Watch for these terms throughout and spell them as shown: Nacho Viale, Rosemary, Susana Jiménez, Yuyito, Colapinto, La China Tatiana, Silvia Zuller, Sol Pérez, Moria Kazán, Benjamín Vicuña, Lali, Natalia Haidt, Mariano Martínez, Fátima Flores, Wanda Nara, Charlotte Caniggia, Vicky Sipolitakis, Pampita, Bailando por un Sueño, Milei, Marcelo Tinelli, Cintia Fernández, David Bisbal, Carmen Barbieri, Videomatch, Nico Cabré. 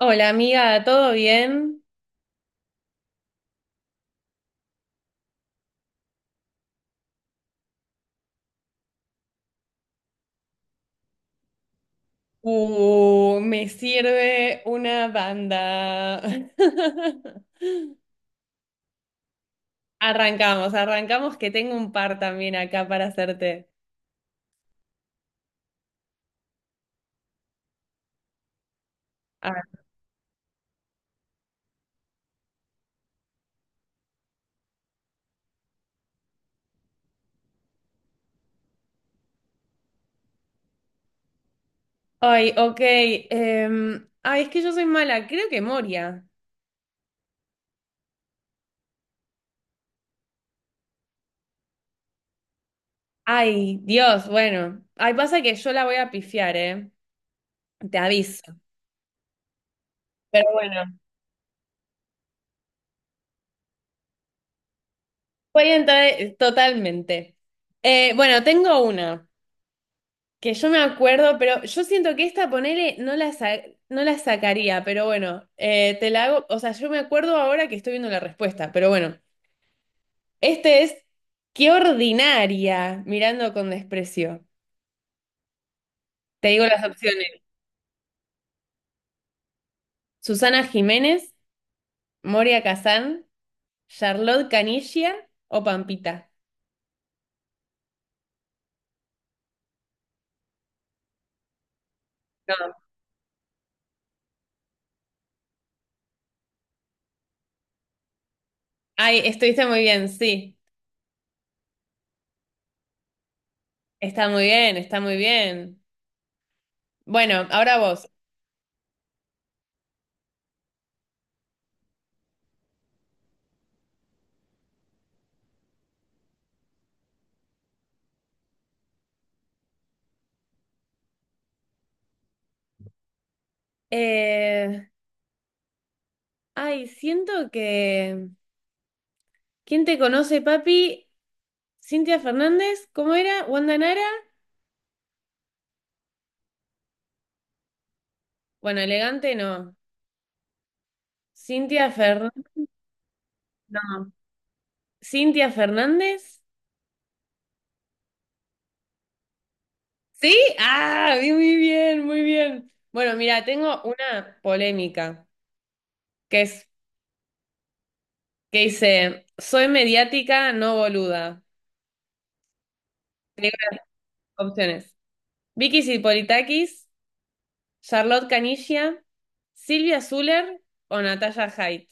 Hola amiga, ¿todo bien? Me sirve una banda. Arrancamos, arrancamos que tengo un par también acá para hacerte. A ver. Ay, ok. Ay, es que yo soy mala, creo que Moria. Ay, Dios, bueno. Ay, pasa que yo la voy a pifiar, ¿eh? Te aviso. Pero bueno. Voy a entrar totalmente. Bueno, tengo una. Que yo me acuerdo, pero yo siento que esta, ponele, no la sacaría, pero bueno, te la hago, o sea, yo me acuerdo ahora que estoy viendo la respuesta, pero bueno, este es, qué ordinaria, mirando con desprecio. Te digo las opciones. Susana Jiménez, Moria Kazán, Charlotte Canilla o Pampita. No. Ay, estuviste muy bien, sí. Está muy bien, está muy bien. Bueno, ahora vos. Eh, ay, siento que... ¿Quién te conoce, papi? Cintia Fernández, ¿cómo era? ¿Wanda Nara? Bueno, elegante no. Cintia Fer- No. Cintia Fernández. ¿Sí? Ah, bien, muy bien, muy bien. Bueno, mira, tengo una polémica que es que dice, soy mediática, no boluda. Opciones. Vicky Sipolitakis, Charlotte Caniggia, Silvia Zuller o Natalia Haidt.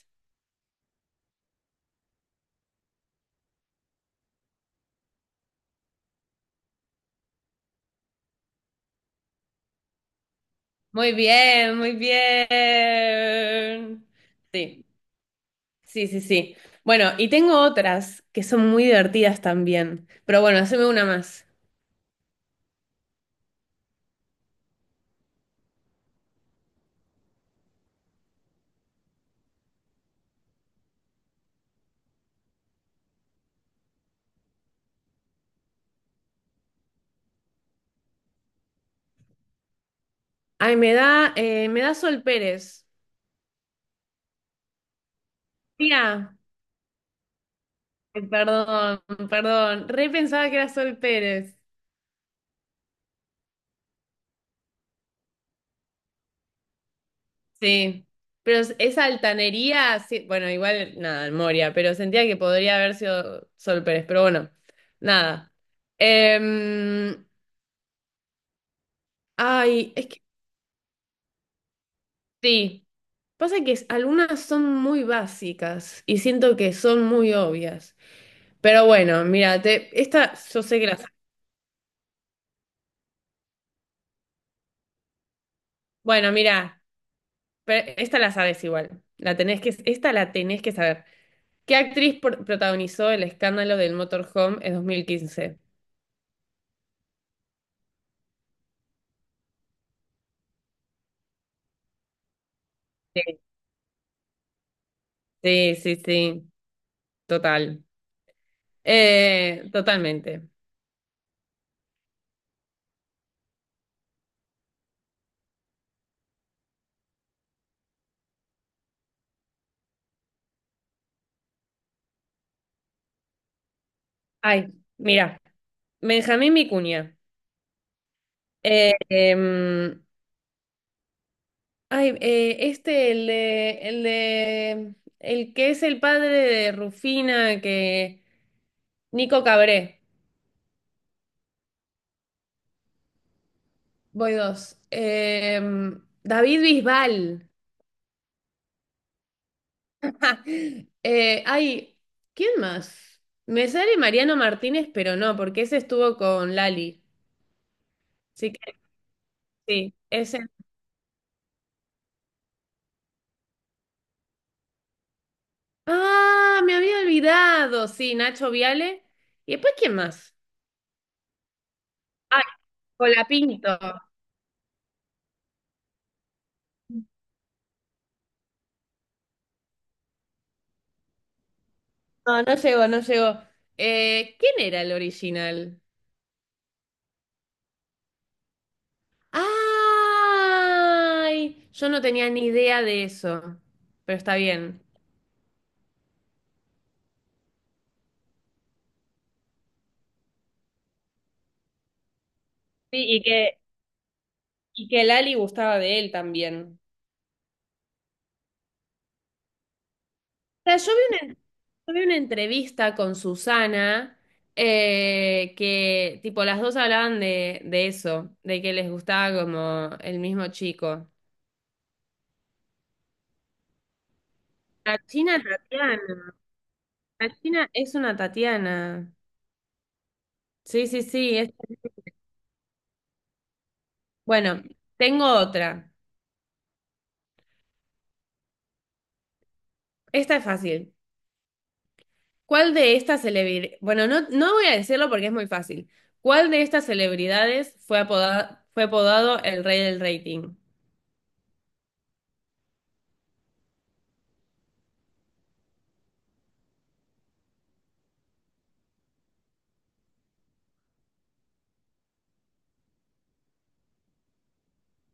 Muy bien, muy bien. Sí. Sí, sí, sí. Bueno, y tengo otras que son muy divertidas también. Pero bueno, haceme una más. Ay, me da Sol Pérez. Mira, perdón, perdón. Re pensaba que era Sol Pérez. Sí. Pero esa altanería, sí. Bueno, igual, nada, Moria, pero sentía que podría haber sido Sol Pérez. Pero bueno, nada. Em, ay, es que sí. Pasa que algunas son muy básicas y siento que son muy obvias. Pero bueno, mira, esta yo sé que la. Bueno, mira, pero esta la sabes igual. La tenés que, esta la tenés que saber. ¿Qué actriz protagonizó el escándalo del motorhome en 2015? Sí, sí, sí, sí, total. Totalmente. Ay, mira, Benjamín Vicuña. Eh, em, ay, este, el que es el padre de Rufina, que, Nico Cabré. Voy dos. Em, David Bisbal. Ay, ¿quién más? Me sale Mariano Martínez, pero no, porque ese estuvo con Lali. Sí que sí, ese. Ah, me había olvidado. Sí, Nacho Viale. ¿Y después quién más? Ah, Colapinto. No, no llegó, no llegó. ¿Quién era el original? ¡Ay! Yo no tenía ni idea de eso, pero está bien. Sí, y que. Y que Lali gustaba de él también. O sea, vi una, yo vi una entrevista con Susana que, tipo, las dos hablaban de eso, de que les gustaba como el mismo chico. La China Tatiana. La China es una Tatiana. Sí, sí, sí. Bueno, tengo otra. Esta es fácil. ¿Cuál de estas celebridades? Bueno, no, no voy a decirlo porque es muy fácil. ¿Cuál de estas celebridades fue apodado el rey del rating?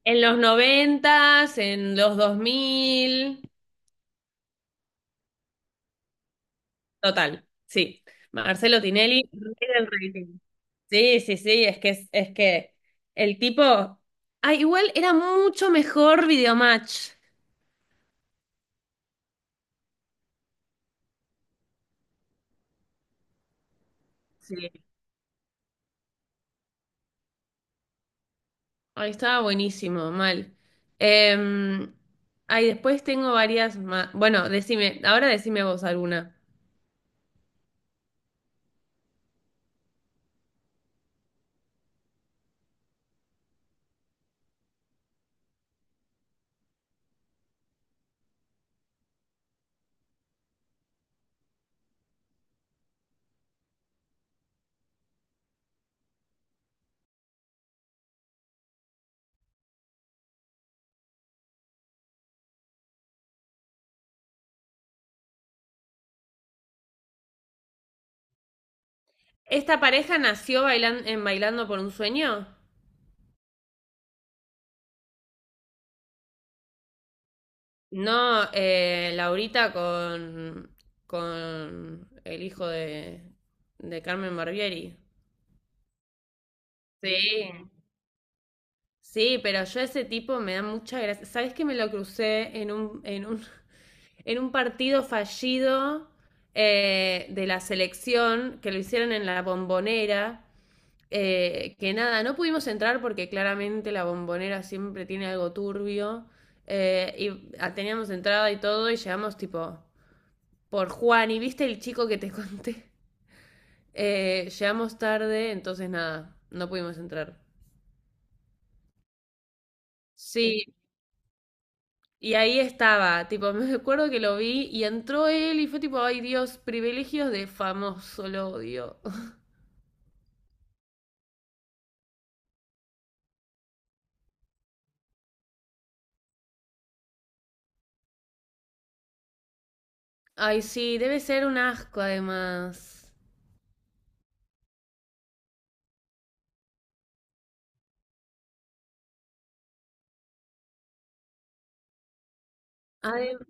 En los noventas, en los 2000, total, sí. Marcelo Tinelli, rey del rating. Sí, sí, sí, es que el tipo, ah, igual era mucho mejor Videomatch. Sí. Ahí estaba buenísimo, mal. Em, ay, después tengo varias más. Bueno, decime, ahora decime vos alguna. ¿Esta pareja nació en Bailando por un Sueño? No, Laurita con el hijo de Carmen Barbieri. Sí. Sí, pero yo ese tipo me da mucha gracia. ¿Sabés que me lo crucé en un partido fallido de la selección que lo hicieron en la bombonera? Eh, que nada, no pudimos entrar porque claramente la bombonera siempre tiene algo turbio. Eh, y ah, teníamos entrada y todo y llegamos tipo por Juan. ¿Y viste el chico que te conté? Llegamos tarde, entonces nada, no pudimos entrar. Sí, y ahí estaba, tipo, me acuerdo que lo vi y entró él y fue tipo, ay Dios, privilegios de famoso, lo odio. Ay, sí, debe ser un asco además. Adem-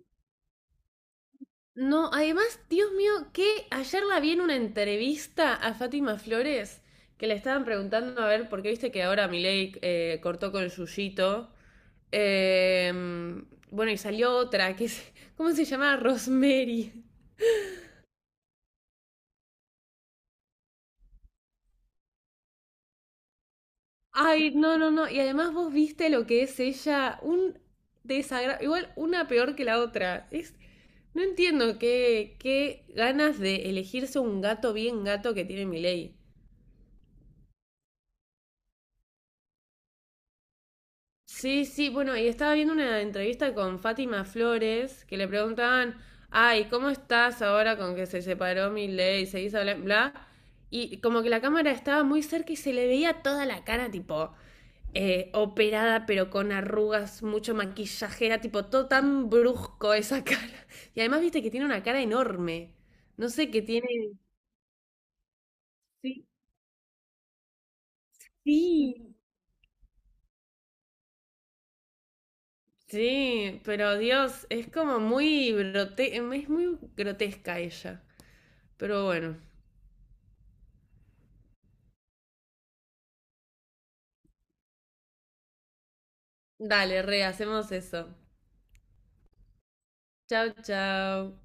no, además, Dios mío, que ayer la vi en una entrevista a Fátima Flores que le estaban preguntando a ver, porque viste que ahora Milei cortó con Yuyito. Eh, bueno, y salió otra, que es, ¿cómo se llama? Rosemary. Ay, no, no, no. Y además vos viste lo que es ella, un desagrado, igual una peor que la otra. Es, no entiendo qué, qué ganas de elegirse un gato bien gato que tiene Miley. Sí, sí, bueno, y estaba viendo una entrevista con Fátima Flores que le preguntaban, ay, ¿cómo estás ahora con que se separó Milei y seguís hablando, bla, bla? Y como que la cámara estaba muy cerca y se le veía toda la cara, tipo, operada, pero con arrugas, mucho maquillaje, era tipo todo tan brusco esa cara. Y además, viste que tiene una cara enorme. No sé qué tiene. Sí, sí. Sí, pero Dios, es como muy grote, es muy grotesca ella. Pero bueno, dale, re, hacemos eso. Chao, chao.